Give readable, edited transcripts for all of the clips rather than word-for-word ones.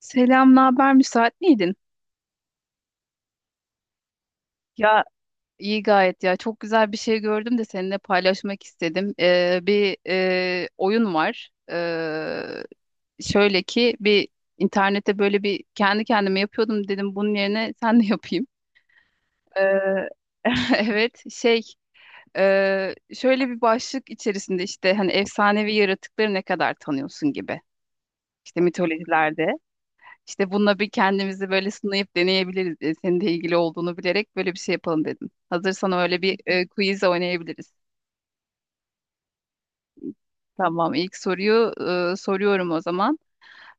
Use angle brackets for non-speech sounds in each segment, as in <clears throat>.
Selam, ne haber? Müsait miydin? Ya iyi gayet ya. Çok güzel bir şey gördüm de seninle paylaşmak istedim. Bir oyun var. Şöyle ki bir internette böyle bir kendi kendime yapıyordum dedim bunun yerine <laughs> sen de yapayım. Ee, <laughs> evet şey şöyle bir başlık içerisinde işte hani efsanevi yaratıkları ne kadar tanıyorsun gibi. İşte mitolojilerde. İşte bununla bir kendimizi böyle sınayıp deneyebiliriz. E, senin de ilgili olduğunu bilerek böyle bir şey yapalım dedim. Hazırsan öyle bir quiz oynayabiliriz. Tamam, ilk soruyu soruyorum o zaman.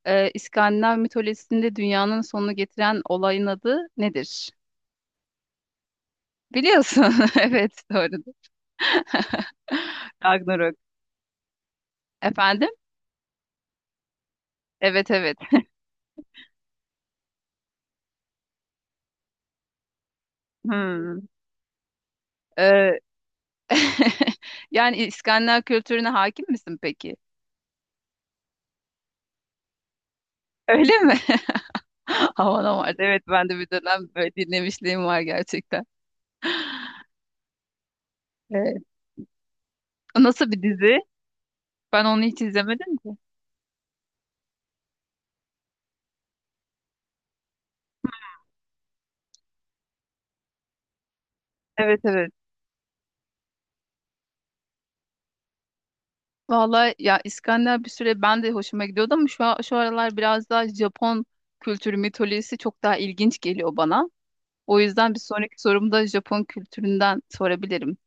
E, İskandinav mitolojisinde dünyanın sonunu getiren olayın adı nedir? Biliyorsun. <laughs> Evet, doğru. <laughs> Ragnarok. Efendim? Evet, evet. Hmm. E, <laughs> yani İskandinav kültürüne hakim misin peki? Öyle mi? <laughs> <laughs> Havana vardı. Evet ben de bir dönem böyle dinlemişliğim var gerçekten. Evet. Nasıl bir dizi? Ben onu hiç izlemedim ki. Evet evet. Vallahi ya İskandinav bir süre ben de hoşuma gidiyordu ama şu, şu aralar biraz daha Japon kültürü mitolojisi çok daha ilginç geliyor bana. O yüzden bir sonraki sorumda Japon kültüründen sorabilirim.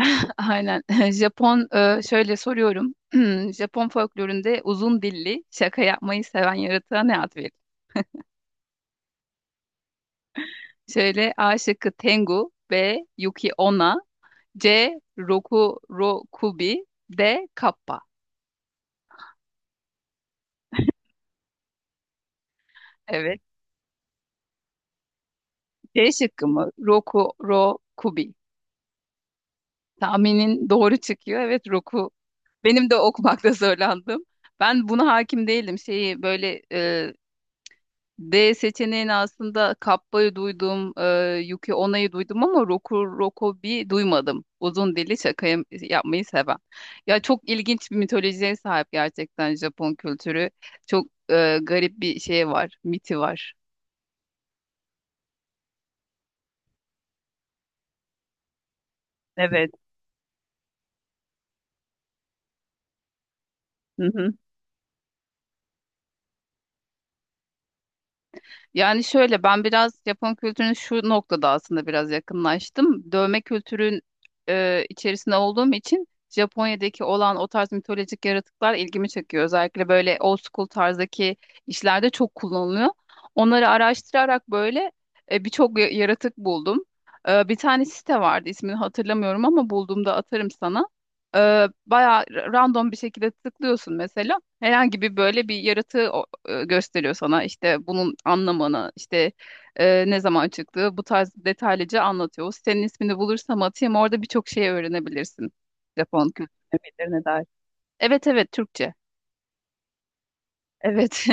<laughs> Aynen. <laughs> Japon şöyle soruyorum. <clears throat> Japon folkloründe uzun dilli şaka yapmayı seven yaratığa ne ad verilir? Şöyle A şıkkı Tengu, B Yuki Onna, C Roku Ro Kubi, D Kappa. Evet. C şıkkı mı? Roku Ro Kubi. Tahminin doğru çıkıyor. Evet Roku. Benim de okumakta zorlandım. Ben buna hakim değildim. Şeyi böyle D seçeneğini aslında Kappa'yı duydum, Yuki Ona'yı duydum ama Roku Rokobi duymadım. Uzun dili şaka yapmayı seven. Ya çok ilginç bir mitolojiye sahip gerçekten Japon kültürü. Çok garip bir şey var, miti var. Evet. <laughs> Yani şöyle ben biraz Japon kültürüne şu noktada aslında biraz yakınlaştım. Dövme kültürün içerisinde olduğum için Japonya'daki olan o tarz mitolojik yaratıklar ilgimi çekiyor. Özellikle böyle old school tarzdaki işlerde çok kullanılıyor. Onları araştırarak böyle birçok yaratık buldum. E, bir tane site vardı ismini hatırlamıyorum ama bulduğumda atarım sana. E, bayağı random bir şekilde tıklıyorsun mesela. Herhangi bir böyle bir yaratığı gösteriyor sana. İşte bunun anlamını, işte ne zaman çıktığı bu tarz detaylıca anlatıyor. O sitenin ismini bulursam atayım orada birçok şey öğrenebilirsin. Japon kültürüne nedir, ne dair. Evet evet Türkçe. Evet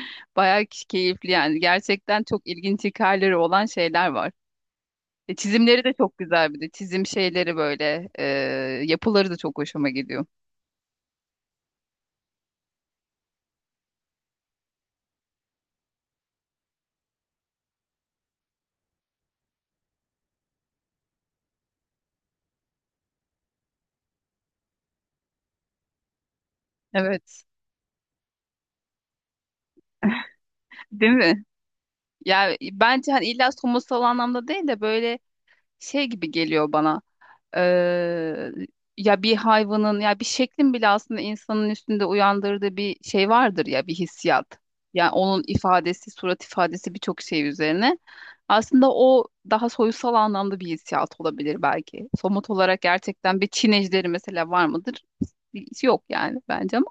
<laughs> bayağı keyifli yani gerçekten çok ilginç hikayeleri olan şeyler var. E, çizimleri de çok güzel bir de çizim şeyleri böyle yapıları da çok hoşuma gidiyor. Evet. Değil mi? Ya bence hani illa somutsal anlamda değil de böyle şey gibi geliyor bana. Eee, ya bir hayvanın ya bir şeklin bile aslında insanın üstünde uyandırdığı bir şey vardır ya bir hissiyat. Yani onun ifadesi, surat ifadesi birçok şey üzerine. Aslında o daha soyutsal anlamda bir hissiyat olabilir belki. Somut olarak gerçekten bir Çin ejderi mesela var mıdır? Hiç yok yani bence ama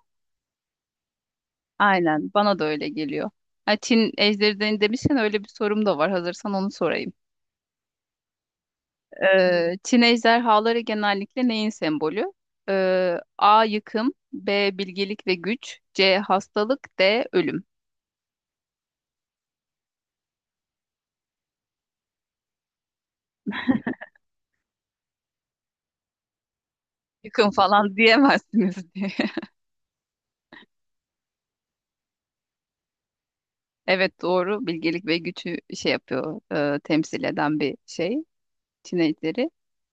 aynen bana da öyle geliyor. Ha, Çin ejderi demişken öyle bir sorum da var. Hazırsan onu sorayım. Çin ejderhaları genellikle neyin sembolü? A. Yıkım, B. Bilgelik ve güç, C. Hastalık, D. Ölüm. Yıkım falan diyemezsiniz <laughs> diye. Evet doğru bilgelik ve gücü şey yapıyor, temsil eden bir şey Çin ejderi.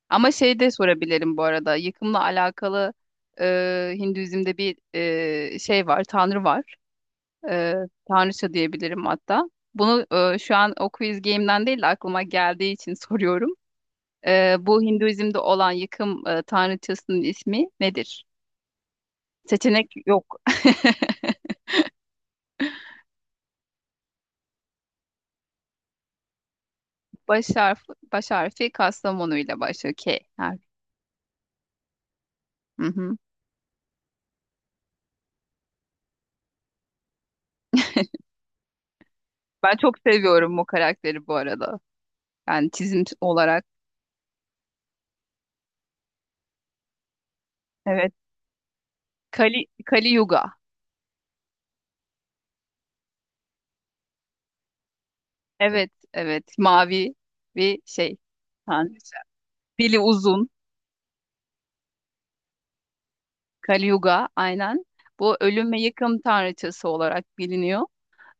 Ama şey de sorabilirim bu arada. Yıkımla alakalı Hinduizm'de bir şey var, tanrı var. E, tanrıça diyebilirim hatta. Bunu şu an o quiz game'den değil de aklıma geldiği için <laughs> soruyorum. Bu Hinduizm'de olan yıkım tanrıçasının ismi nedir? Seçenek yok. <laughs> Baş harfi, baş harfi Kastamonu ile başlıyor. K harfi. Hı hı. Ben çok seviyorum bu karakteri bu arada. Yani çizim olarak. Evet. Kali, Kali Yuga. Evet, evet. Mavi bir şey. Tanrıça. Dili uzun. Kali Yuga aynen. Bu ölüm ve yıkım tanrıçası olarak biliniyor.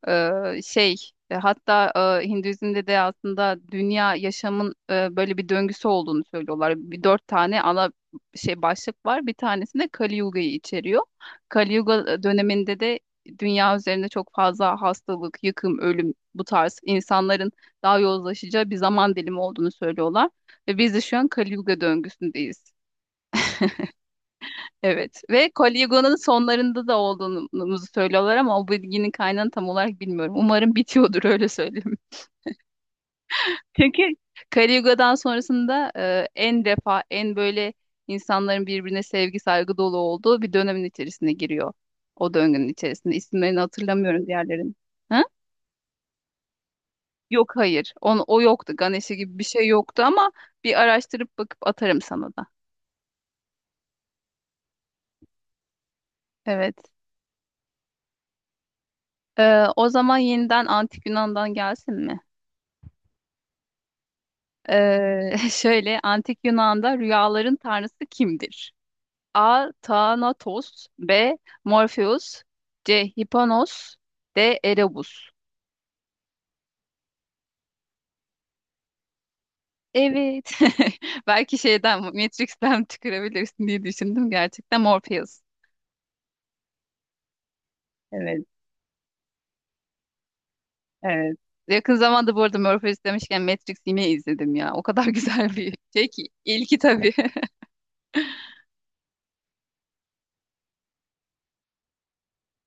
Şey hatta Hinduizm'de de aslında dünya yaşamın böyle bir döngüsü olduğunu söylüyorlar. Bir dört tane ana şey başlık var. Bir tanesi de Kali Yuga'yı içeriyor. Kali Yuga döneminde de dünya üzerinde çok fazla hastalık, yıkım, ölüm bu tarz insanların daha yozlaşacağı bir zaman dilimi olduğunu söylüyorlar. Ve biz de şu an Kali Yuga döngüsündeyiz. Evet ve Caligula'nın sonlarında da olduğumuzu söylüyorlar ama o bilginin kaynağını tam olarak bilmiyorum. Umarım bitiyordur öyle söyleyeyim. <laughs> Çünkü Caligula'dan sonrasında en defa en böyle insanların birbirine sevgi saygı dolu olduğu bir dönemin içerisine giriyor. O döngünün içerisinde. İsimlerini hatırlamıyorum diğerlerin. Ha? Yok hayır. O yoktu. Ganesha gibi bir şey yoktu ama bir araştırıp bakıp atarım sana da. Evet. E, o zaman yeniden Antik Yunan'dan gelsin mi? <laughs> Şöyle antik Yunan'da rüyaların tanrısı kimdir? A. Thanatos, B. Morpheus, C. Hipanos, D. Erebus. Evet. <laughs> Belki şeyden Matrix'ten <laughs> tükürebilirsin diye düşündüm. Gerçekten Morpheus. Evet, evet. Yakın zamanda bu arada Morpheus demişken Matrix yine izledim ya. O kadar <laughs> güzel bir şey ki. İlki tabii.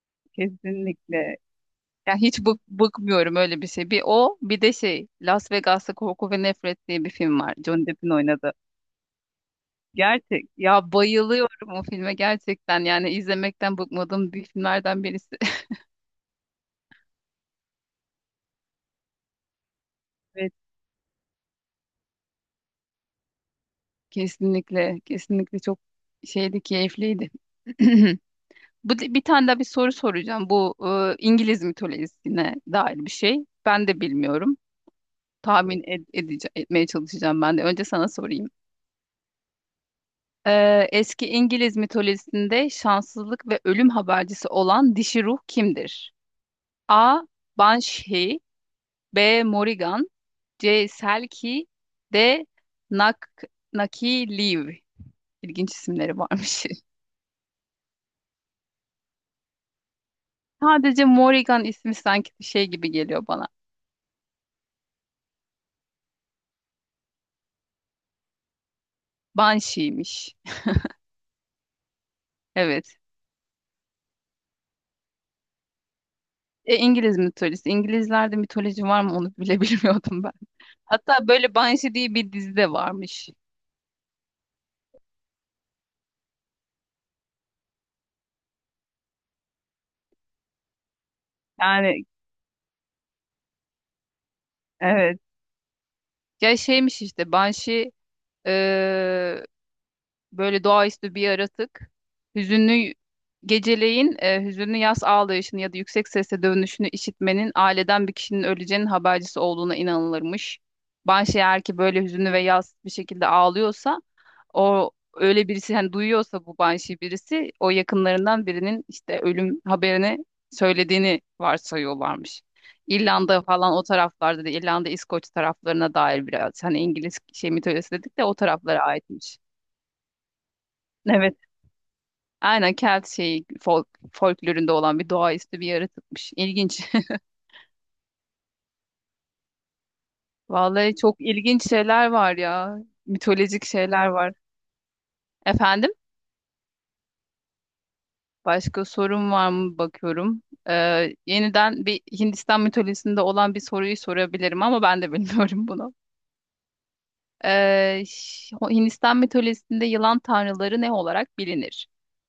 <laughs> Kesinlikle. Ya hiç bıkmıyorum öyle bir şey. Bir o bir de şey Las Vegas'ta Korku ve Nefret diye bir film var. Johnny Depp'in oynadığı. Gerçek. Ya bayılıyorum o filme gerçekten. Yani izlemekten bıkmadığım bir filmlerden birisi. <laughs> Evet. Kesinlikle. Kesinlikle çok şeydi keyifliydi. <clears throat> Bir tane daha bir soru soracağım. Bu İngiliz mitolojisine dair bir şey. Ben de bilmiyorum. Tahmin etmeye çalışacağım ben de. Önce sana sorayım. Eski İngiliz mitolojisinde şanssızlık ve ölüm habercisi olan dişi ruh kimdir? A. Banshee, B. Morrigan, C. Selkie, D. Nak Nakiliv. İlginç isimleri varmış. <laughs> Sadece Morrigan ismi sanki bir şey gibi geliyor bana. Banshee'miş. Evet. E, İngiliz mitolojisi. İngilizlerde mitoloji var mı onu bile <laughs> bilmiyordum ben. Hatta böyle Banshee diye bir dizi de varmış. Yani evet. Ya şeymiş işte Banshee eee, böyle doğaüstü bir yaratık. Hüzünlü geceleyin hüzünlü yaz ağlayışını ya da yüksek sesle dövünüşünü işitmenin aileden bir kişinin öleceğinin habercisi olduğuna inanılırmış. Banshee eğer ki böyle hüzünlü ve yaz bir şekilde ağlıyorsa o öyle birisi hani duyuyorsa bu banshee birisi o yakınlarından birinin işte ölüm haberini söylediğini varsayıyorlarmış. İrlanda falan o taraflarda da İrlanda İskoç taraflarına dair biraz hani İngiliz şey mitolojisi dedik de o taraflara aitmiş. Evet. Aynen Kelt şeyi folklorunda olan bir doğaüstü bir yaratıkmış. İlginç. <laughs> Vallahi çok ilginç şeyler var ya. Mitolojik şeyler var. Efendim? Başka sorum var mı bakıyorum. Ee, yeniden bir Hindistan mitolojisinde olan bir soruyu sorabilirim ama ben de <laughs> bilmiyorum bunu. Hindistan mitolojisinde yılan tanrıları ne olarak bilinir?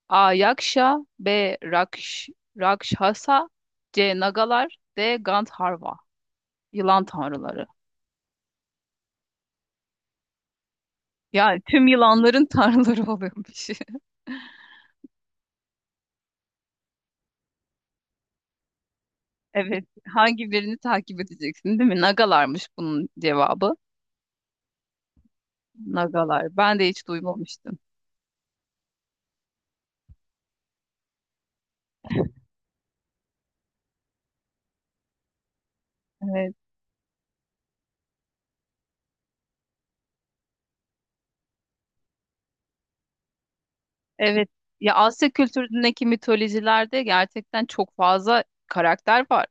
A. Yaksha, B. Rakshasa, C. Nagalar, D. Gandharva. Yılan tanrıları. Yani tüm yılanların tanrıları oluyormuş. <laughs> Evet. Hangi birini takip edeceksin değil mi? Nagalarmış bunun cevabı. Nagalar. Ben de hiç duymamıştım. Evet. Evet. Ya Asya kültüründeki mitolojilerde gerçekten çok fazla karakter var.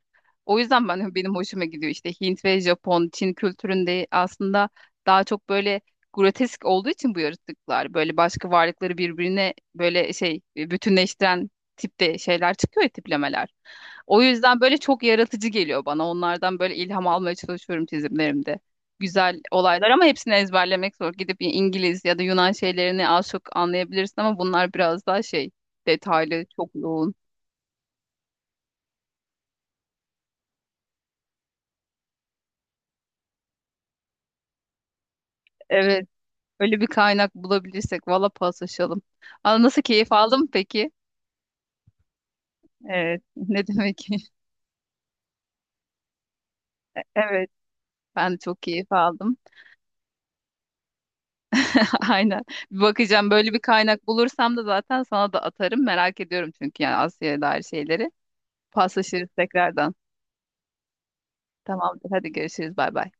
O yüzden ben <laughs> benim hoşuma gidiyor işte Hint ve Japon, Çin kültüründe aslında daha çok böyle grotesk olduğu için bu yaratıklar böyle başka varlıkları birbirine böyle şey bütünleştiren tipte şeyler çıkıyor ya, tiplemeler. O yüzden böyle çok yaratıcı geliyor bana. Onlardan böyle ilham almaya çalışıyorum çizimlerimde güzel olaylar ama hepsini ezberlemek zor. Gidip İngiliz ya da Yunan şeylerini az çok anlayabilirsin ama bunlar biraz daha şey detaylı, çok yoğun. Evet. Öyle bir kaynak bulabilirsek valla paslaşalım. Aa, nasıl keyif aldım peki? Evet. Ne demek. <laughs> Evet. Ben de çok keyif aldım. <laughs> Aynen. Bir bakacağım böyle bir kaynak bulursam da zaten sana da atarım. Merak ediyorum çünkü yani Asya'ya dair şeyleri. Paslaşırız tekrardan. Tamamdır. Hadi görüşürüz. Bay bay.